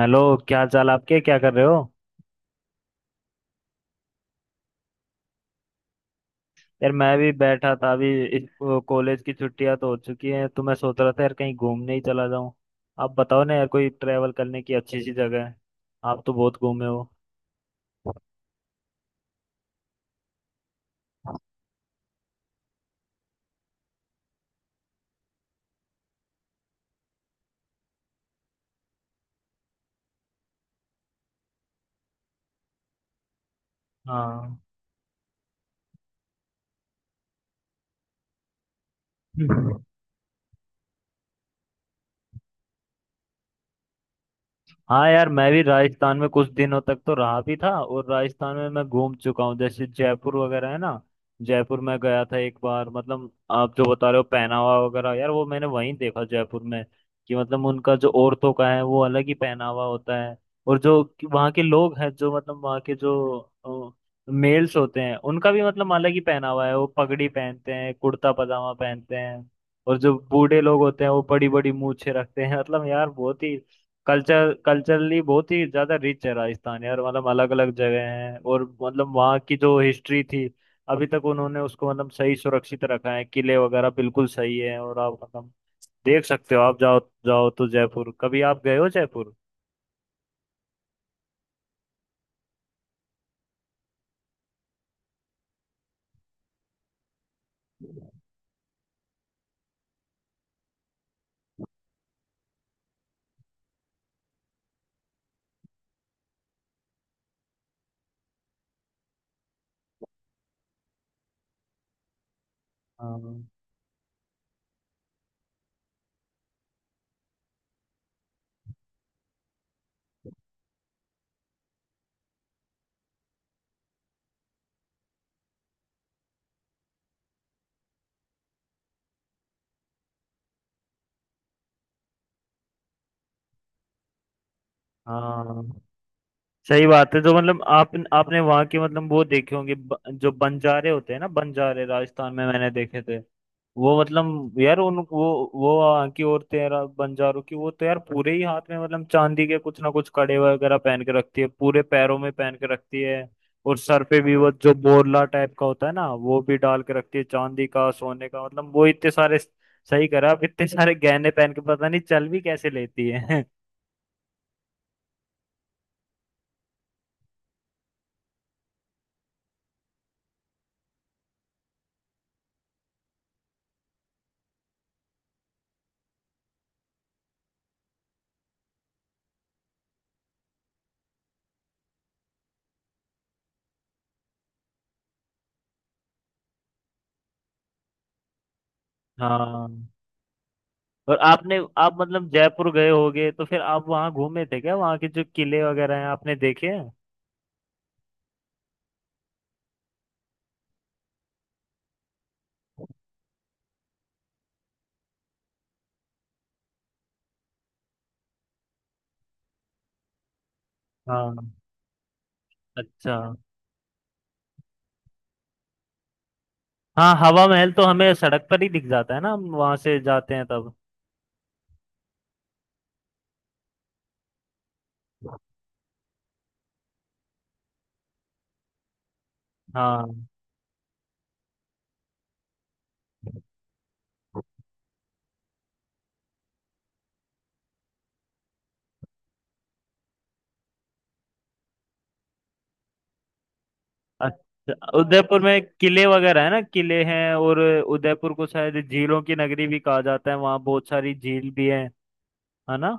Hello. क्या हाल चाल आपके, क्या कर रहे हो? यार मैं भी बैठा था अभी। इस कॉलेज की छुट्टियां तो हो चुकी हैं, तो मैं सोच रहा था यार कहीं घूमने ही चला जाऊं। आप बताओ ना यार, कोई ट्रैवल करने की अच्छी सी जगह है? आप तो बहुत घूमे हो। हाँ। हाँ यार, मैं भी राजस्थान में कुछ दिनों तक तो रहा भी था, और राजस्थान में मैं घूम चुका हूँ, जैसे जयपुर वगैरह है ना। जयपुर में गया था एक बार। मतलब आप जो बता रहे हो पहनावा वगैरह यार, वो मैंने वहीं देखा, जयपुर में। कि मतलब उनका जो औरतों का है वो अलग ही पहनावा होता है। और जो कि वहाँ के लोग हैं, जो मतलब वहाँ के जो मेल्स होते हैं, उनका भी मतलब अलग ही पहनावा है। वो पगड़ी पहनते हैं, कुर्ता पजामा पहनते हैं। और जो बूढ़े लोग होते हैं वो बड़ी बड़ी मूछें रखते हैं। मतलब यार, बहुत ही कल्चरली बहुत ही ज्यादा रिच है राजस्थान यार। मतलब अलग अलग जगह हैं, और मतलब वहाँ की जो हिस्ट्री थी, अभी तक उन्होंने उसको मतलब सही सुरक्षित रखा है। किले वगैरह बिल्कुल सही है। और आप मतलब देख सकते हो, आप जाओ। जाओ तो, जयपुर कभी आप गए हो, जयपुर? हाँ। हाँ सही बात है। जो मतलब आप आपने वहां के मतलब वो देखे होंगे, जो बंजारे होते हैं ना, बंजारे राजस्थान में मैंने देखे थे। वो मतलब यार उन वो वहाँ की औरतें यार, बंजारों की, वो तो यार पूरे ही हाथ में मतलब चांदी के कुछ ना कुछ कड़े वगैरह पहन के रखती है, पूरे पैरों में पहन के रखती है। और सर पे भी वो जो बोरला टाइप का होता है ना, वो भी डाल के रखती है, चांदी का, सोने का। मतलब वो इतने सारे, सही करा आप, इतने सारे गहने पहन के पता नहीं चल भी कैसे लेती है। हाँ। और आपने आप मतलब जयपुर गए होगे, तो फिर आप वहाँ घूमे थे क्या? वहाँ के जो किले वगैरह हैं आपने देखे हैं? हाँ। अच्छा। हाँ हवा महल तो हमें सड़क पर ही दिख जाता है ना, हम वहाँ से जाते हैं तब। हाँ। अच्छा। उदयपुर में किले वगैरह है ना? किले हैं, और उदयपुर को शायद झीलों की नगरी भी कहा जाता है, वहाँ बहुत सारी झील भी है। है ना?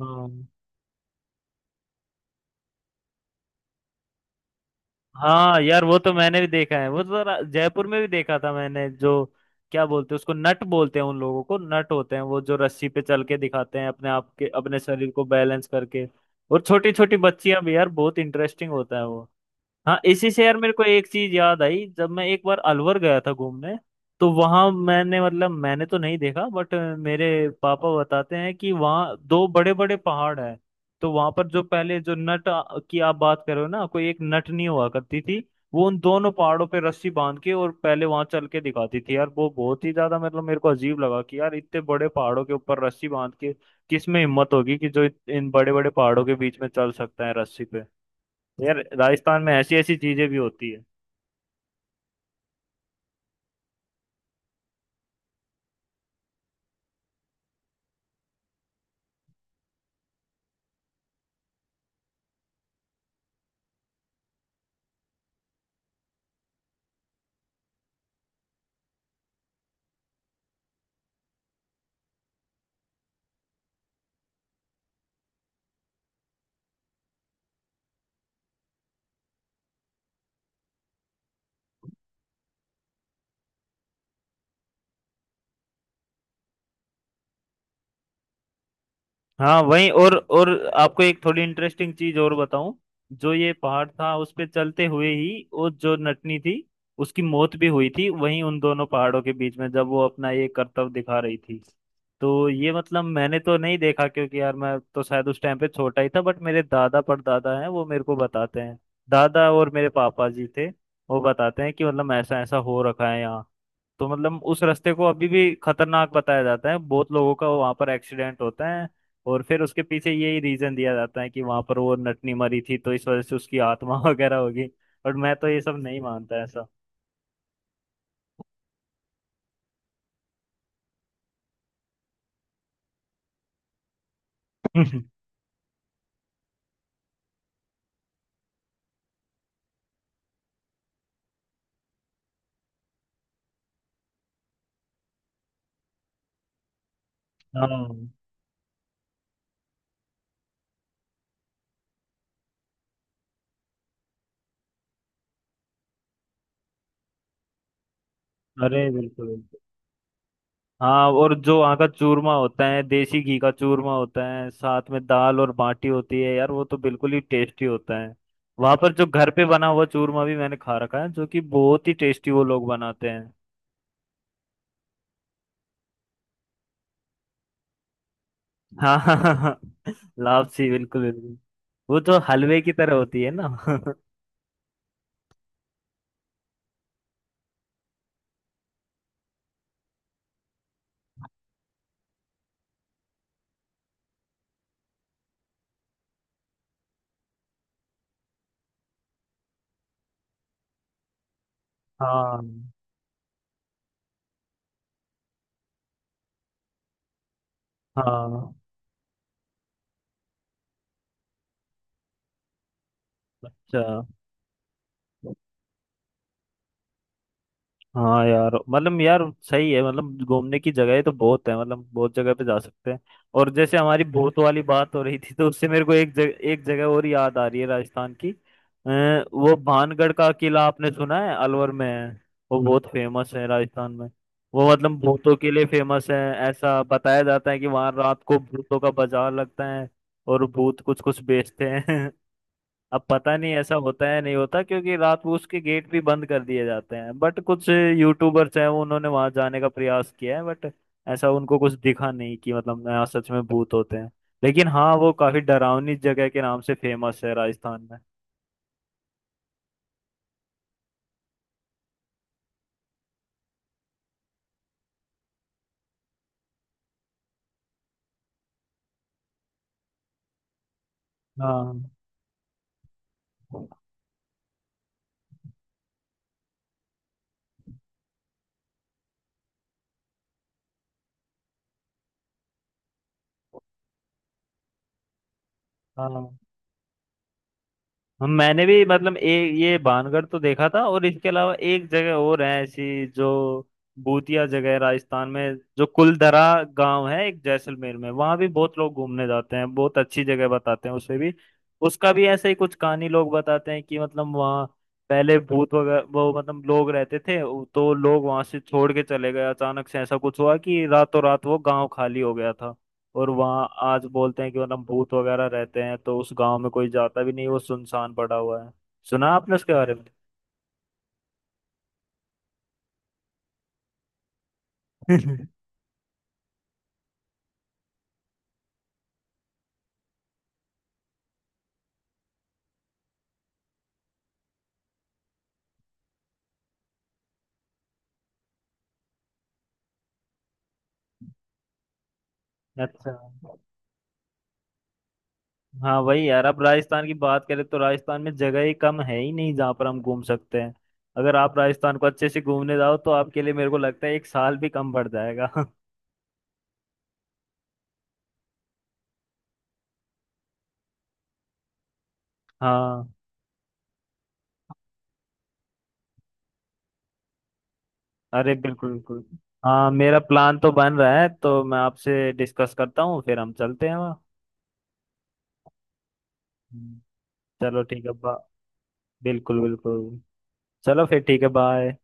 हाँ। हाँ यार, वो तो मैंने भी देखा है। वो तो जयपुर में भी देखा था मैंने। जो क्या बोलते हैं उसको, नट बोलते हैं उन लोगों को। नट होते हैं वो जो रस्सी पे चल के दिखाते हैं, अपने आप के अपने शरीर को बैलेंस करके। और छोटी छोटी बच्चियां भी यार, बहुत इंटरेस्टिंग होता है वो। हाँ। इसी से यार मेरे को एक चीज याद आई, जब मैं एक बार अलवर गया था घूमने। तो वहां मैंने तो नहीं देखा, बट मेरे पापा बताते हैं कि वहाँ दो बड़े बड़े पहाड़ हैं। तो वहां पर जो पहले जो नट की आप बात कर रहे हो ना, कोई एक नटनी हुआ करती थी। वो उन दोनों पहाड़ों पे रस्सी बांध के, और पहले वहां चल के दिखाती थी यार। वो बहुत ही ज्यादा, मतलब मेरे को अजीब लगा कि यार, इतने बड़े पहाड़ों के ऊपर रस्सी बांध के किस में हिम्मत होगी, कि जो इन बड़े बड़े पहाड़ों के बीच में चल सकता है रस्सी पे। यार राजस्थान में ऐसी ऐसी चीजें भी होती है। हाँ। वहीं। और आपको एक थोड़ी इंटरेस्टिंग चीज और बताऊं? जो ये पहाड़ था उस पे चलते हुए ही, वो जो नटनी थी, उसकी मौत भी हुई थी वहीं, उन दोनों पहाड़ों के बीच में, जब वो अपना ये करतब दिखा रही थी। तो ये मतलब मैंने तो नहीं देखा, क्योंकि यार मैं तो शायद उस टाइम पे छोटा ही था, बट मेरे दादा परदादा हैं वो मेरे को बताते हैं। दादा और मेरे पापा जी थे, वो बताते हैं कि मतलब ऐसा ऐसा हो रखा है यहाँ। तो मतलब उस रास्ते को अभी भी खतरनाक बताया जाता है, बहुत लोगों का वहां पर एक्सीडेंट होता है। और फिर उसके पीछे यही रीजन दिया जाता है कि वहां पर वो नटनी मरी थी, तो इस वजह से उसकी आत्मा वगैरह होगी। और मैं तो ये सब नहीं मानता ऐसा। हाँ। अरे बिल्कुल बिल्कुल। हाँ, और जो वहाँ का चूरमा होता है, देसी घी का चूरमा होता है, साथ में दाल और बाटी होती है यार, वो तो बिल्कुल ही टेस्टी होता है। वहां पर जो घर पे बना हुआ चूरमा भी मैंने खा रखा है, जो कि बहुत ही टेस्टी वो लोग बनाते हैं। हाँ, हाँ, हाँ, हाँ। लापसी, बिल्कुल बिल्कुल। वो तो हलवे की तरह होती है ना? हाँ। हाँ। अच्छा। हाँ यार, मतलब यार सही है, मतलब घूमने की जगह तो बहुत है, मतलब बहुत जगह पे जा सकते हैं। और जैसे हमारी भूत वाली बात हो रही थी, तो उससे मेरे को एक जगह और याद आ रही है राजस्थान की। वो भानगढ़ का किला, आपने सुना है? अलवर में है। वो बहुत फेमस है राजस्थान में। वो मतलब भूतों के लिए फेमस है। ऐसा बताया जाता है कि वहां रात को भूतों का बाजार लगता है, और भूत कुछ कुछ बेचते हैं। अब पता नहीं ऐसा होता है नहीं होता, क्योंकि रात को उसके गेट भी बंद कर दिए जाते हैं, बट कुछ यूट्यूबर्स हैं, उन्होंने वहां जाने का प्रयास किया है, बट ऐसा उनको कुछ दिखा नहीं कि मतलब यहाँ सच में भूत होते हैं। लेकिन हाँ, वो काफी डरावनी जगह के नाम से फेमस है राजस्थान में। हाँ। हाँ। हम मैंने भी मतलब एक ये बानगढ़ तो देखा था, और इसके अलावा एक जगह और है ऐसी, जो भूतिया जगह है राजस्थान में, जो कुलधरा गांव है एक जैसलमेर में। वहां भी बहुत लोग घूमने जाते हैं, बहुत अच्छी जगह बताते हैं उसे भी। उसका भी ऐसे ही कुछ कहानी लोग बताते हैं, कि मतलब वहाँ पहले भूत वगैरह, वो मतलब लोग रहते थे, तो लोग वहां से छोड़ के चले गए। अचानक से ऐसा कुछ हुआ कि रातों रात वो गांव खाली हो गया था। और वहाँ आज बोलते हैं कि वरना भूत वगैरह रहते हैं, तो उस गांव में कोई जाता भी नहीं, वो सुनसान पड़ा हुआ है। सुना आपने उसके बारे में? अच्छा। हाँ वही यार, अब राजस्थान की बात करें तो राजस्थान में जगह ही कम है ही नहीं, जहाँ पर हम घूम सकते हैं। अगर आप राजस्थान को अच्छे से घूमने जाओ, तो आपके लिए मेरे को लगता है एक साल भी कम पड़ जाएगा। हाँ, अरे बिल्कुल बिल्कुल। हाँ, मेरा प्लान तो बन रहा है, तो मैं आपसे डिस्कस करता हूँ, फिर हम चलते हैं वहाँ। हम्म। चलो ठीक है। बा बिल्कुल बिल्कुल। चलो फिर ठीक है, बाय।